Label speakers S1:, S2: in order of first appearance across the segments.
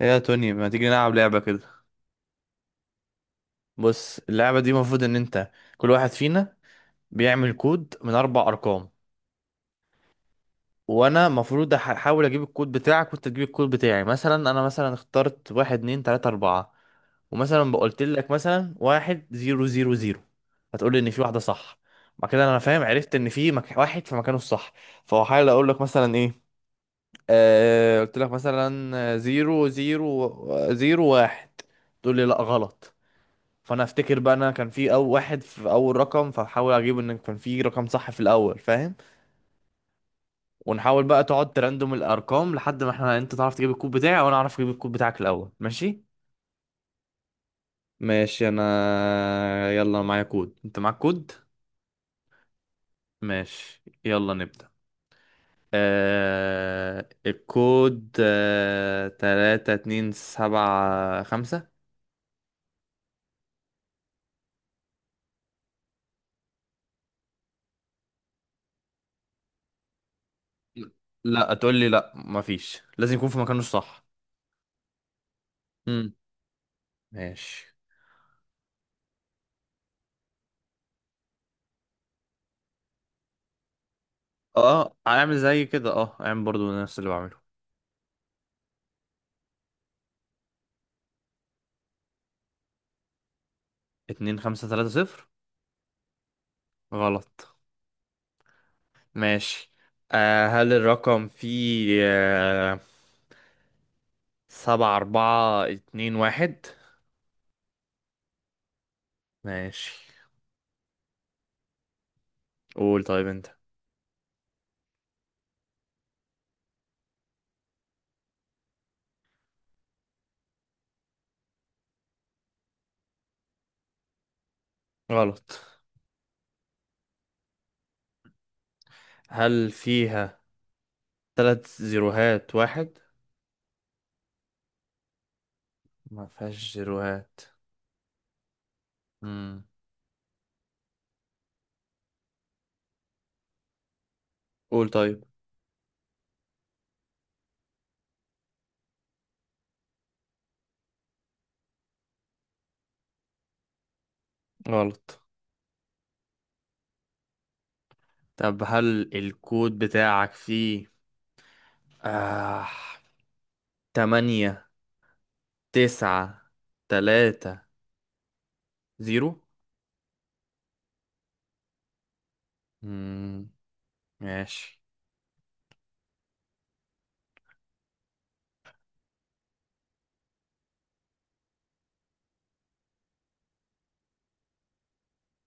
S1: ايه يا توني، ما تيجي نلعب لعبة كده؟ بص، اللعبة دي المفروض ان انت، كل واحد فينا بيعمل كود من اربع ارقام. وانا المفروض احاول اجيب الكود بتاعك وانت تجيب الكود بتاعي. مثلا انا مثلا اخترت 1234، ومثلا بقولت لك مثلا 1000، هتقول لي ان في واحدة صح. بعد كده انا فاهم، عرفت ان في واحد في مكانه الصح. فهحاول اقول لك مثلا ايه. قلت لك مثلا، 0001. تقول لي لا، غلط. فانا افتكر بقى انا كان في اول واحد، في اول رقم، فحاول اجيب ان كان في رقم صح في الاول، فاهم. ونحاول بقى، تقعد تراندوم الارقام لحد ما انت تعرف تجيب الكود بتاعي وانا اعرف اجيب الكود بتاعك الاول، ماشي. ماشي، انا يلا معايا كود، انت معاك كود. ماشي، يلا نبدأ. الكود 3275. لا، تقول لي لا مفيش، لازم يكون في مكانه الصح. امم. ماشي. اه، هعمل زي كده، اه هعمل برضو نفس اللي بعمله. 2530. غلط. ماشي. هل الرقم فيه 7421؟ ماشي. قول طيب انت. غلط. هل فيها تلات زيروهات واحد؟ ما فيهاش زيروهات. مم. قول طيب. غلط. طب هل الكود بتاعك فيه آه 8930؟ مم. ماشي.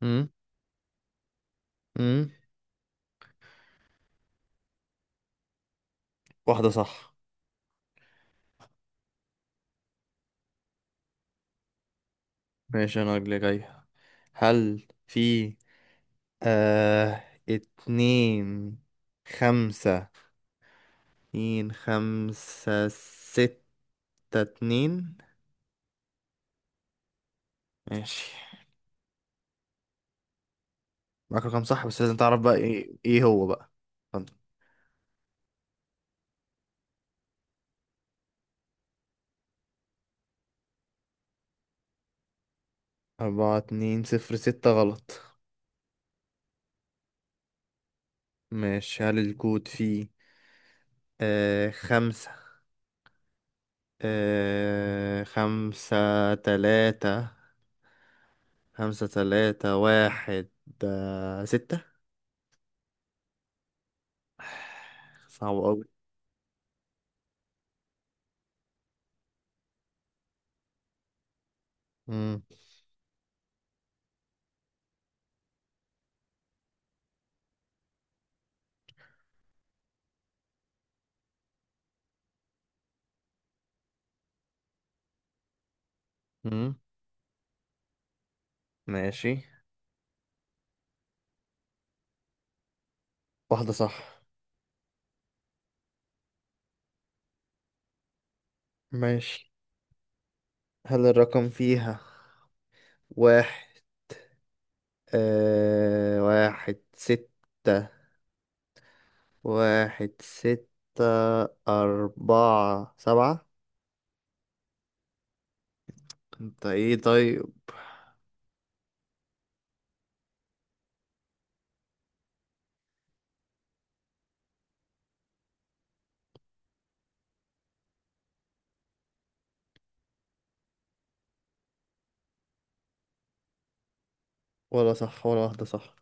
S1: امم. امم. واحدة صح. ماشي، أنا اللي جاي. هل في آه اتنين خمسة 2562؟ ماشي معاك رقم صح، بس لازم تعرف بقى ايه هو بقى. اتفضل. 4206، غلط. ماشي، هل الكود فيه آه خمسة خمسة تلاتة خمسة تلاتة واحد ستة؟ صعب أوي. مم. مم. ماشي. واحدة صح. ماشي، هل الرقم فيها واحد آه واحد ستة 1647؟ انت ايه طيب؟ ولا صح ولا واحدة صح.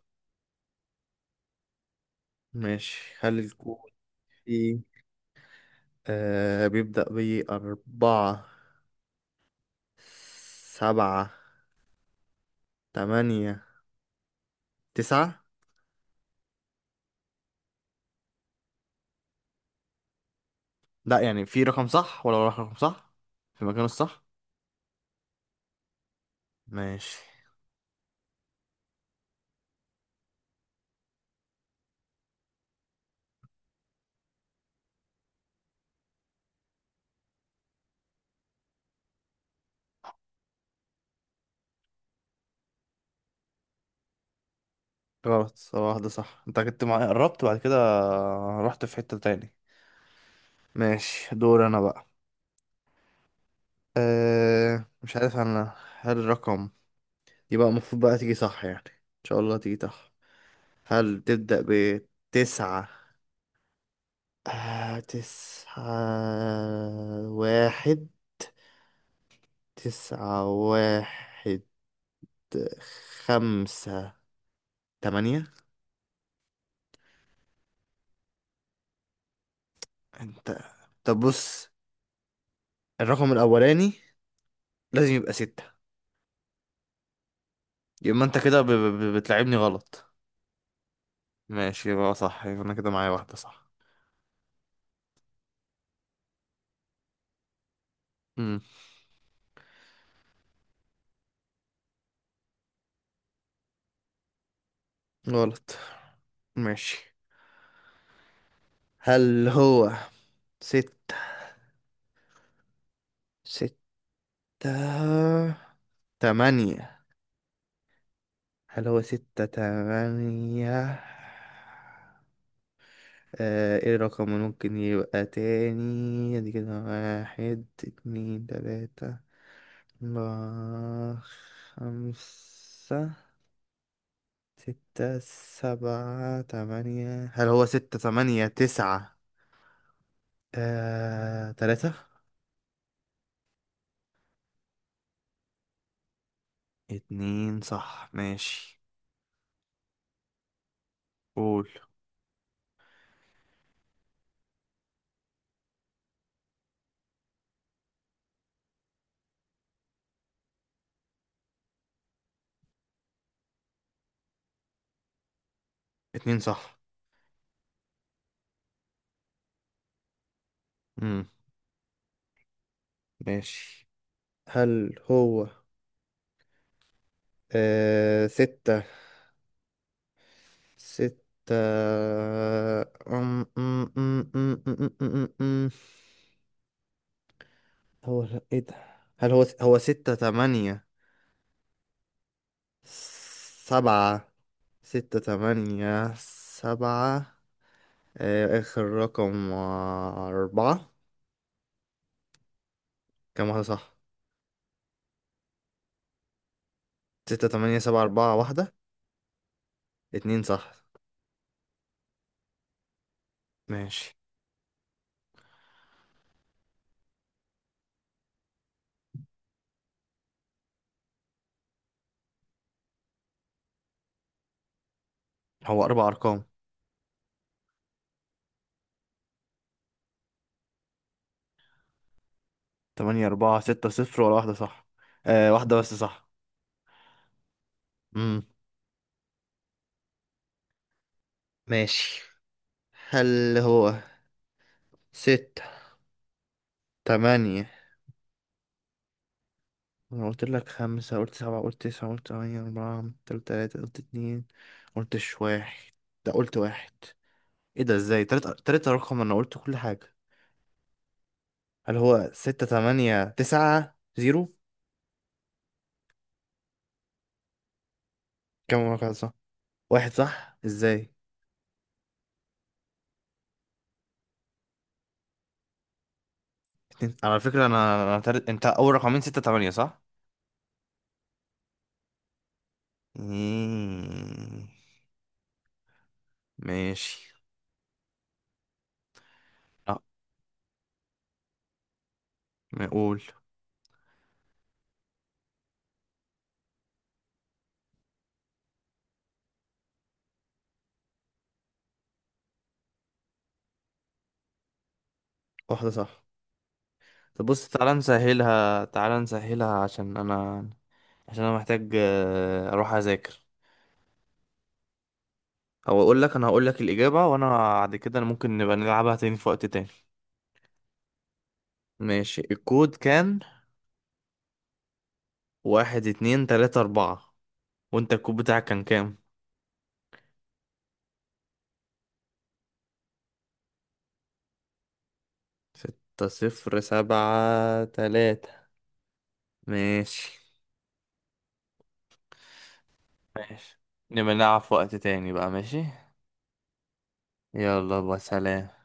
S1: ماشي، هل الكود فيه بيبدأ بـ4789؟ لا، يعني في رقم صح ولا رقم صح في مكانه الصح. ماشي. غلط. هو واحدة صح، انت كنت قربت، بعد كده رحت في حتة تاني. ماشي، دور انا بقى. مش عارف انا. هل الرقم، يبقى المفروض بقى تيجي صح يعني، ان شاء الله تيجي صح. هل تبدأ بتسعة؟ آه... تسعة واحد 9158. انت. طب بص، الرقم الأولاني لازم يبقى ستة، يبقى أنت كده بتلعبني غلط. ماشي، يبقى صح، يبقى أنا كده معايا واحدة صح. امم. غلط. ماشي. هل هو ستة ستة تمانية؟ هل هو 68؟ ايه الرقم اللي ممكن يبقى تاني؟ ادي كده 12345678. هل هو 689؟ تلاتة. اتنين صح، ماشي. قول. اتنين صح. مم. ماشي. هل هو آه... ستة ستة، أم... أم... أم... أم... أم... أم... أم... هو لا، ايه ده! هل هو سبعة ستة تمانية سبعة، آخر رقم أربعة. كام واحدة صح؟ 6874، واحدة. اتنين صح، ماشي. هو أربع أرقام. 8460، ولا واحدة صح؟ واحدة بس صح. مم. ماشي. هل هو ستة تمانية؟ أنا قلت لك خمسة، قلت سبعة، قلت تسعة، قلت تمانية أربعة، قلت تلاتة، قلت اتنين، قلتش واحد. ده قلت واحد. ايه ده، ازاي تلات رقم، انا قلت كل حاجة! هل هو 6890؟ كم رقم صح؟ واحد صح، ازاي؟ اتنين على فكرة، انا انت اول رقمين 68 صح. مم. ماشي. اه، نقول. واحدة صح. طب بص، تعالى نسهلها تعالى نسهلها، عشان انا، محتاج اروح اذاكر، او اقول لك انا هقول لك الاجابة، وانا بعد كده ممكن نبقى نلعبها تاني في وقت تاني. ماشي، الكود كان 1234. وانت الكود بتاعك كان كام؟ 6073. ماشي. ماشي، نبقى نلعب في وقت تاني بقى. ماشي. يلا بقى، سلام.